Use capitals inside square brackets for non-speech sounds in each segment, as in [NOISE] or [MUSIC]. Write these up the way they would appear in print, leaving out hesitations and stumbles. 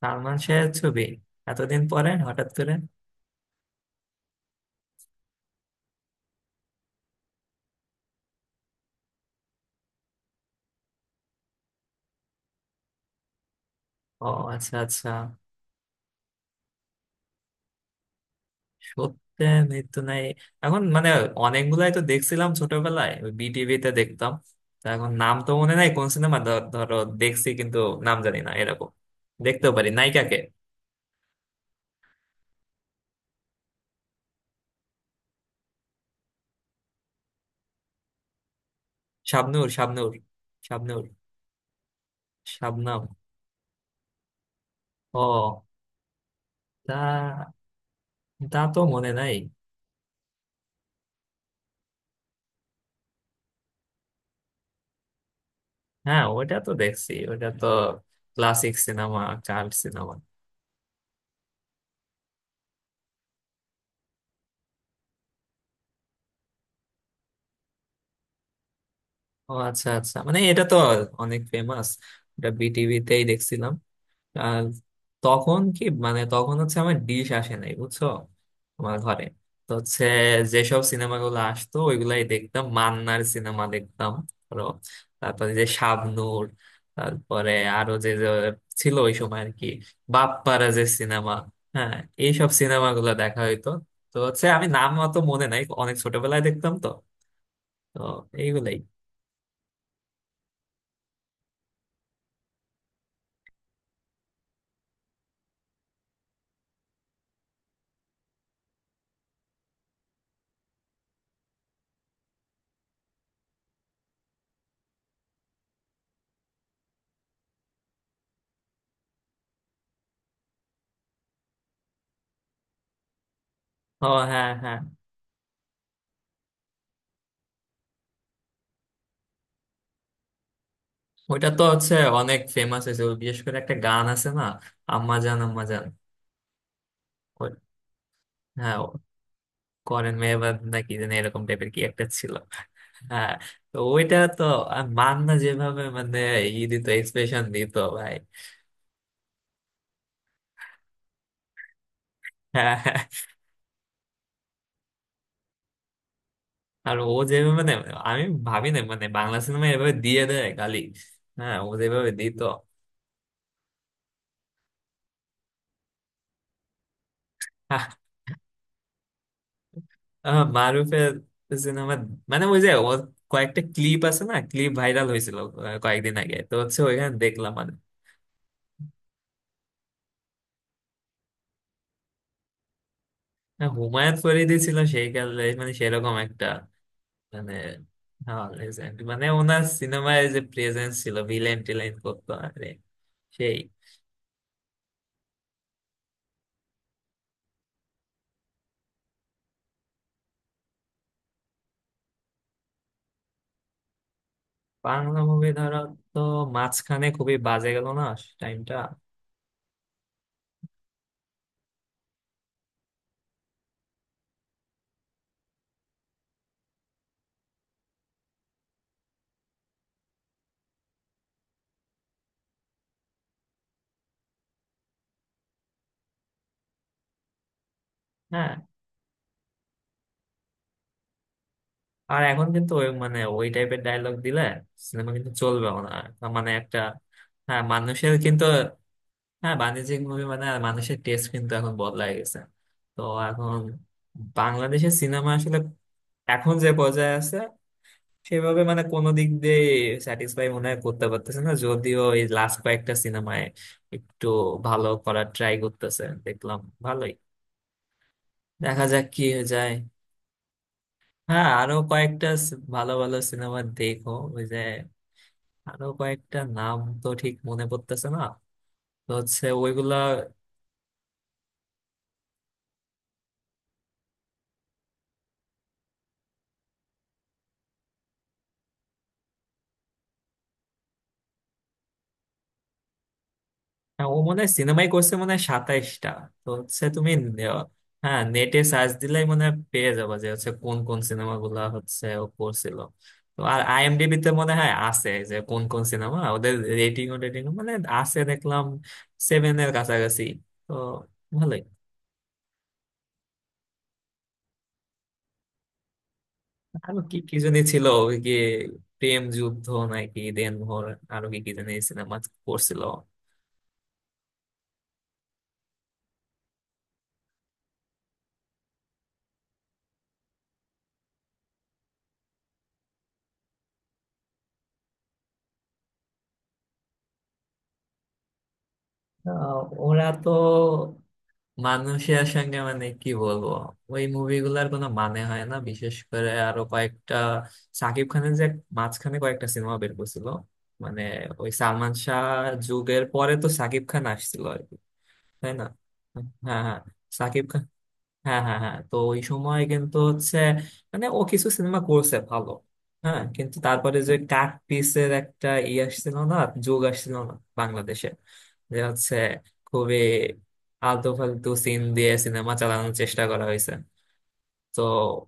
সালমান শাহের ছবি এতদিন পরে হঠাৎ করে। ও, আচ্ছা আচ্ছা। সত্যে মৃত্যু নাই এখন অনেকগুলাই তো দেখছিলাম ছোটবেলায়, ওই বিটিভিতে দেখতাম। তা এখন নাম তো মনে নাই কোন সিনেমা, ধরো, দেখছি কিন্তু, নাম জানি না, এরকম দেখতেও পারি নায়িকাকে। শাবনূর, শাবনূর, শাবনূর, শাবনাম। ও, তা তা তো মনে নাই। হ্যাঁ, ওটা তো দেখছি, ওটা তো ক্লাসিক সিনেমা, চাইল্ড সিনেমা। ও আচ্ছা আচ্ছা, এটা তো অনেক ফেমাস, এটা বিটিভিতেই দেখছিলাম। আর তখন কি মানে তখন হচ্ছে আমার ডিশ আসে নাই বুঝছো, আমার ঘরে। তো হচ্ছে, যেসব সিনেমাগুলো আসতো ওইগুলাই দেখতাম, মান্নার সিনেমা দেখতাম, ধরো, তারপরে যে শাবনূর, তারপরে আরো যে যে ছিল ওই সময় আর কি, বাপ্পারা যে সিনেমা, হ্যাঁ, এইসব সিনেমাগুলো দেখা হইতো। তো হচ্ছে আমি নাম অত মনে নাই, অনেক ছোটবেলায় দেখতাম তো, তো এইগুলাই। ও হ্যাঁ হ্যাঁ, ওইটা তো হচ্ছে অনেক ফেমাস হয়েছে, ওই বিশেষ করে একটা গান আছে না, আম্মা জান আম্মা জান, ওই- হ্যাঁ, ও করেন মেহবাব নাকি যেন, এরকম টাইপের কি একটা ছিল। হ্যাঁ, তো ওইটা তো, আর মান্না যেভাবে ই দিত, এক্সপ্রেশন দিত ভাই। হ্যাঁ, আর ও যেভাবে আমি ভাবি না বাংলা সিনেমা এভাবে দিয়ে দেয় গালি। হ্যাঁ, ও যেভাবে দিত। আহ, মারুফের সিনেমা, ওই যে ও কয়েকটা ক্লিপ আছে না, ক্লিপ ভাইরাল হয়েছিল। কয়েকদিন আগে তো হচ্ছে ওইখানে দেখলাম। না, হুমায়ুন ফরিদি ছিল সেই কালে, সেরকম একটা, মানে হ্যাঁ, legend। মানে ওনার সিনেমায় যে প্রেজেন্স ছিল, ভিলেন টিলেন করতো, আরে সেই। বাংলা মুভি ধরো, তো মাঝখানে খুবই বাজে গেল না টাইমটা। হ্যাঁ, আর এখন কিন্তু ওই ওই টাইপের ডায়লগ দিলে সিনেমা কিন্তু চলবেও না, আর তার মানে একটা। হ্যাঁ, মানুষের কিন্তু। হ্যাঁ বাণিজ্যিক মুভি, মানে আর মানুষের টেস্ট কিন্তু এখন বদলায় গেছে। তো এখন বাংলাদেশের সিনেমা আসলে এখন যে পর্যায়ে আছে, সেভাবে কোনো দিক দিয়ে স্যাটিসফাই মনে হয় করতে পারতেছে না, যদিও এই লাস্ট কয়েকটা সিনেমায় একটু ভালো করার ট্রাই করতেছে দেখলাম, ভালোই, দেখা যাক কি হয়ে যায়। হ্যাঁ, আরো কয়েকটা ভালো ভালো সিনেমা দেখো, ওই যে আরো কয়েকটা নাম তো ঠিক মনে পড়তেছে না, তো হচ্ছে ওইগুলা। হ্যাঁ ও মনে হয় সিনেমাই করছে, মনে হয় 27টা। তো হচ্ছে তুমি, আহ, হ্যাঁ, নেটে সার্চ দিলেই মনে হয় পেয়ে যাবো যে হচ্ছে কোন কোন সিনেমাগুলা হচ্ছে ও করছিল। তো আর আইএমডিবি তে মনে হয় আছে যে কোন কোন সিনেমা, ওদের রেটিং, ও রেটিং মানে আছে দেখলাম 7 এর কাছাকাছি, তো ভালোই। আরো কি কি জানি ছিল, ওই কি, প্রেম যুদ্ধ নাকি দেনভোর, আরো কি কি জানি সিনেমা করছিল। আহ, ওরা তো মানুষের সঙ্গে কি বলবো, ওই মুভিগুলার কোনো মানে হয় না। বিশেষ করে আরো কয়েকটা সাকিব খানের যে মাঝখানে কয়েকটা সিনেমা বের করছিল, মানে ওই সালমান শাহ যুগের পরে তো সাকিব খান আসছিল আর কি, তাই না। হ্যাঁ হ্যাঁ সাকিব খান, হ্যাঁ হ্যাঁ হ্যাঁ, তো ওই সময় কিন্তু হচ্ছে ও কিছু সিনেমা করছে ভালো। হ্যাঁ, কিন্তু তারপরে যে কাট পিসের একটা ই আসছিল না, যোগ আসছিল না বাংলাদেশে, যে হচ্ছে খুবই আলতু ফালতু সিন দিয়ে সিনেমা চালানোর চেষ্টা করা হয়েছে। তো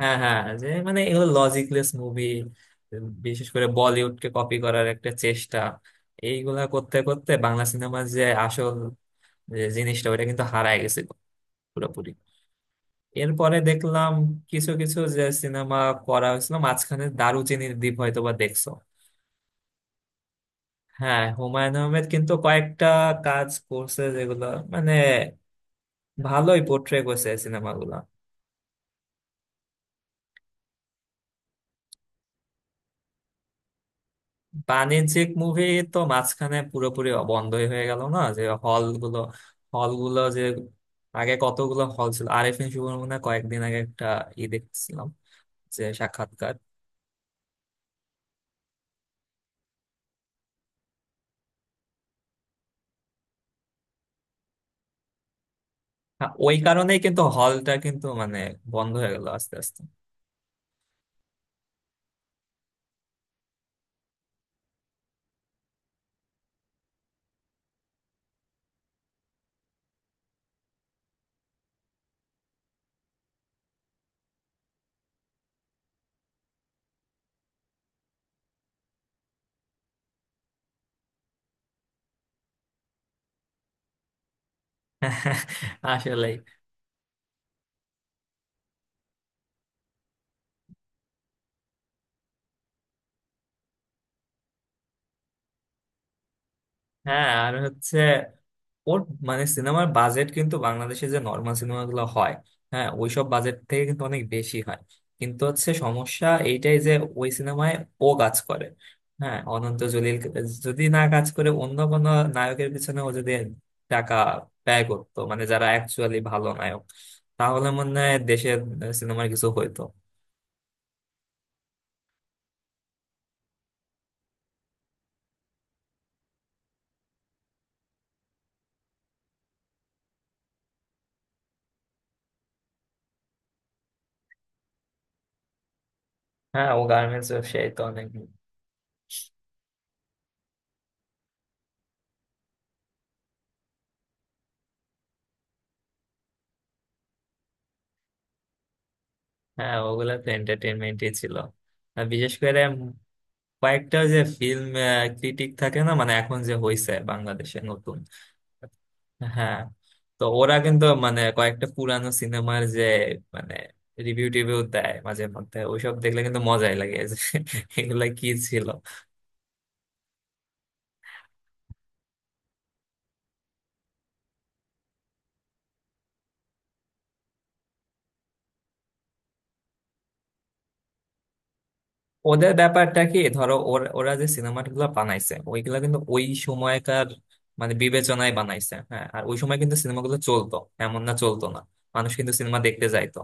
হ্যাঁ হ্যাঁ, যে এগুলো লজিকলেস মুভি, বিশেষ করে বলিউডকে কপি করার একটা চেষ্টা। এইগুলা করতে করতে বাংলা সিনেমার যে আসল যে জিনিসটা ওটা কিন্তু হারায় গেছিল পুরোপুরি। এরপরে দেখলাম কিছু কিছু যে সিনেমা করা হয়েছিল মাঝখানে, দারুচিনির দ্বীপ হয়তো বা দেখছো। হ্যাঁ, হুমায়ুন আহমেদ কিন্তু কয়েকটা কাজ করছে যেগুলো মানে ভালোই পোট্রে করছে সিনেমাগুলো। বাণিজ্যিক মুভি তো মাঝখানে পুরোপুরি বন্ধই হয়ে গেল না, যে হলগুলো, হলগুলো যে আগে কতগুলো হল ছিল। আরেফিন শুভর মনে হয় কয়েকদিন আগে একটা ই দেখছিলাম, যে সাক্ষাৎকার। হ্যাঁ, ওই কারণেই কিন্তু হলটা কিন্তু বন্ধ হয়ে গেল আস্তে আস্তে। আসলেই। হ্যাঁ আর হচ্ছে ওর সিনেমার বাজেট কিন্তু বাংলাদেশে যে নর্মাল সিনেমাগুলো হয়, হ্যাঁ ওইসব বাজেট থেকে কিন্তু অনেক বেশি হয়, কিন্তু হচ্ছে সমস্যা এইটাই যে ওই সিনেমায় ও কাজ করে, হ্যাঁ অনন্ত জলিল। যদি না কাজ করে অন্য কোনো নায়কের পিছনে, ও যদি টাকা ব্যয় করতো, মানে যারা অ্যাকচুয়ালি ভালো নায়ক, তাহলে মনে হয় দেশের সিনেমার কিছু হইতো। হ্যাঁ ও গার্মেন্টস ব্যবসায়ী তো অনেক। হ্যাঁ ওগুলা তো এন্টারটেনমেন্টই ছিল, আর বিশেষ করে কয়েকটা যে ফিল্ম ক্রিটিক থাকে না, মানে এখন যে হইছে বাংলাদেশে নতুন। হ্যাঁ, তো ওরা কিন্তু কয়েকটা পুরানো সিনেমার যে মানে রিভিউ টিভিউ দেয় মাঝে মধ্যে, ওইসব দেখলে কিন্তু মজাই লাগে যে [LAUGHS] এগুলা কি ছিল। ওদের ব্যাপারটা কি, ধরো ওরা যে সিনেমাগুলো বানাইছে ওইগুলা কিন্তু ওই সময়কার বিবেচনায় বানাইছে। হ্যাঁ, আর ওই সময় কিন্তু সিনেমাগুলো চলতো, এমন না চলতো না, মানুষ কিন্তু সিনেমা দেখতে যাইতো।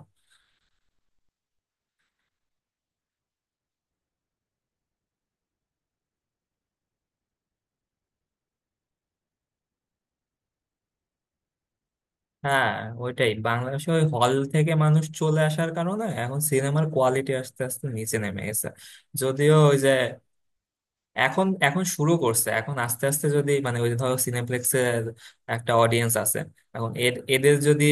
হ্যাঁ, ওইটাই বাংলাদেশে ওই হল থেকে মানুষ চলে আসার কারণে এখন সিনেমার কোয়ালিটি আস্তে আস্তে নিচে নেমে গেছে। যদিও ওই যে, এখন এখন শুরু করছে, এখন আস্তে আস্তে যদি ওই যে ধরো সিনেপ্লেক্সের একটা অডিয়েন্স আছে, এখন এদের যদি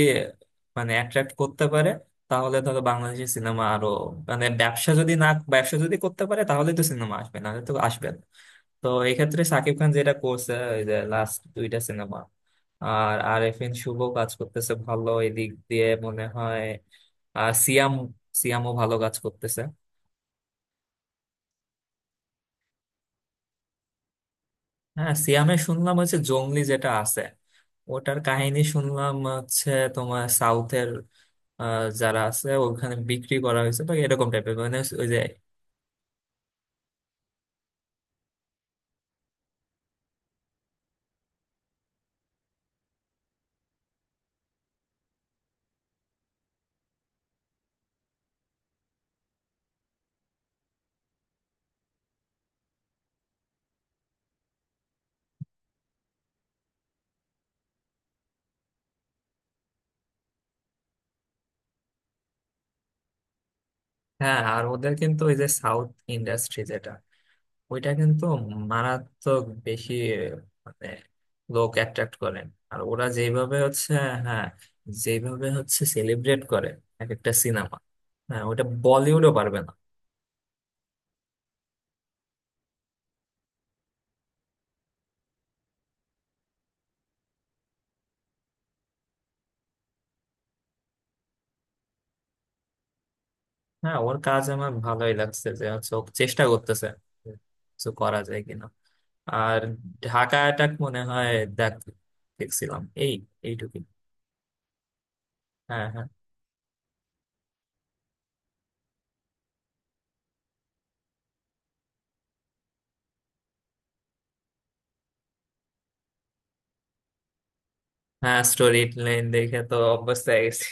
অ্যাট্রাক্ট করতে পারে, তাহলে ধরো বাংলাদেশি সিনেমা আরো, মানে ব্যবসা যদি না ব্যবসা যদি করতে পারে তাহলে তো সিনেমা আসবে, নাহলে তো আসবে না। তো এক্ষেত্রে সাকিব খান যেটা করছে ওই যে লাস্ট দুইটা সিনেমা, আর আরেফিন শুভ কাজ করতেছে ভালো এদিক দিয়ে মনে হয়। আর সিয়াম, সিয়ামও ভালো কাজ করতেছে। হ্যাঁ সিয়ামে শুনলাম হচ্ছে জংলি যেটা আছে, ওটার কাহিনী শুনলাম হচ্ছে তোমার সাউথের, আহ, যারা আছে ওখানে বিক্রি করা হয়েছে বা এরকম টাইপের, মানে ওই যে। হ্যাঁ, আর ওদের কিন্তু ওই যে সাউথ ইন্ডাস্ট্রি যেটা, ওইটা কিন্তু মারাত্মক বেশি মানে লোক অ্যাট্রাক্ট করেন, আর ওরা যেভাবে হচ্ছে, হ্যাঁ, যেভাবে হচ্ছে সেলিব্রেট করে এক একটা সিনেমা, হ্যাঁ ওটা বলিউডও পারবে না। হ্যাঁ ওর কাজ আমার ভালোই লাগছে, যে হচ্ছে ও চেষ্টা করতেছে কিছু করা যায় কিনা। আর ঢাকা অ্যাটাক মনে হয় দেখ দেখছিলাম, এই এইটুকুই। হ্যাঁ হ্যাঁ। হ্যাঁ স্টোরি লাইন দেখে তো অভ্যস্ত হয়ে গেছি।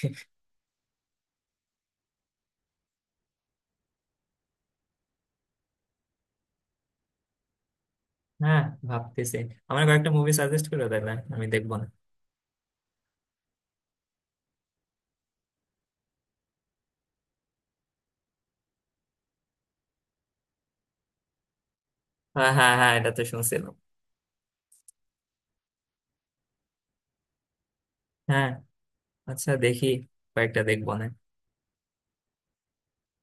হ্যাঁ, ভাবতেছি আমার কয়েকটা মুভি সাজেস্ট করে দেবে, আমি দেখবো না। হ্যাঁ হ্যাঁ হ্যাঁ এটা তো শুনছিলাম। হ্যাঁ, আচ্ছা, দেখি কয়েকটা দেখবো না।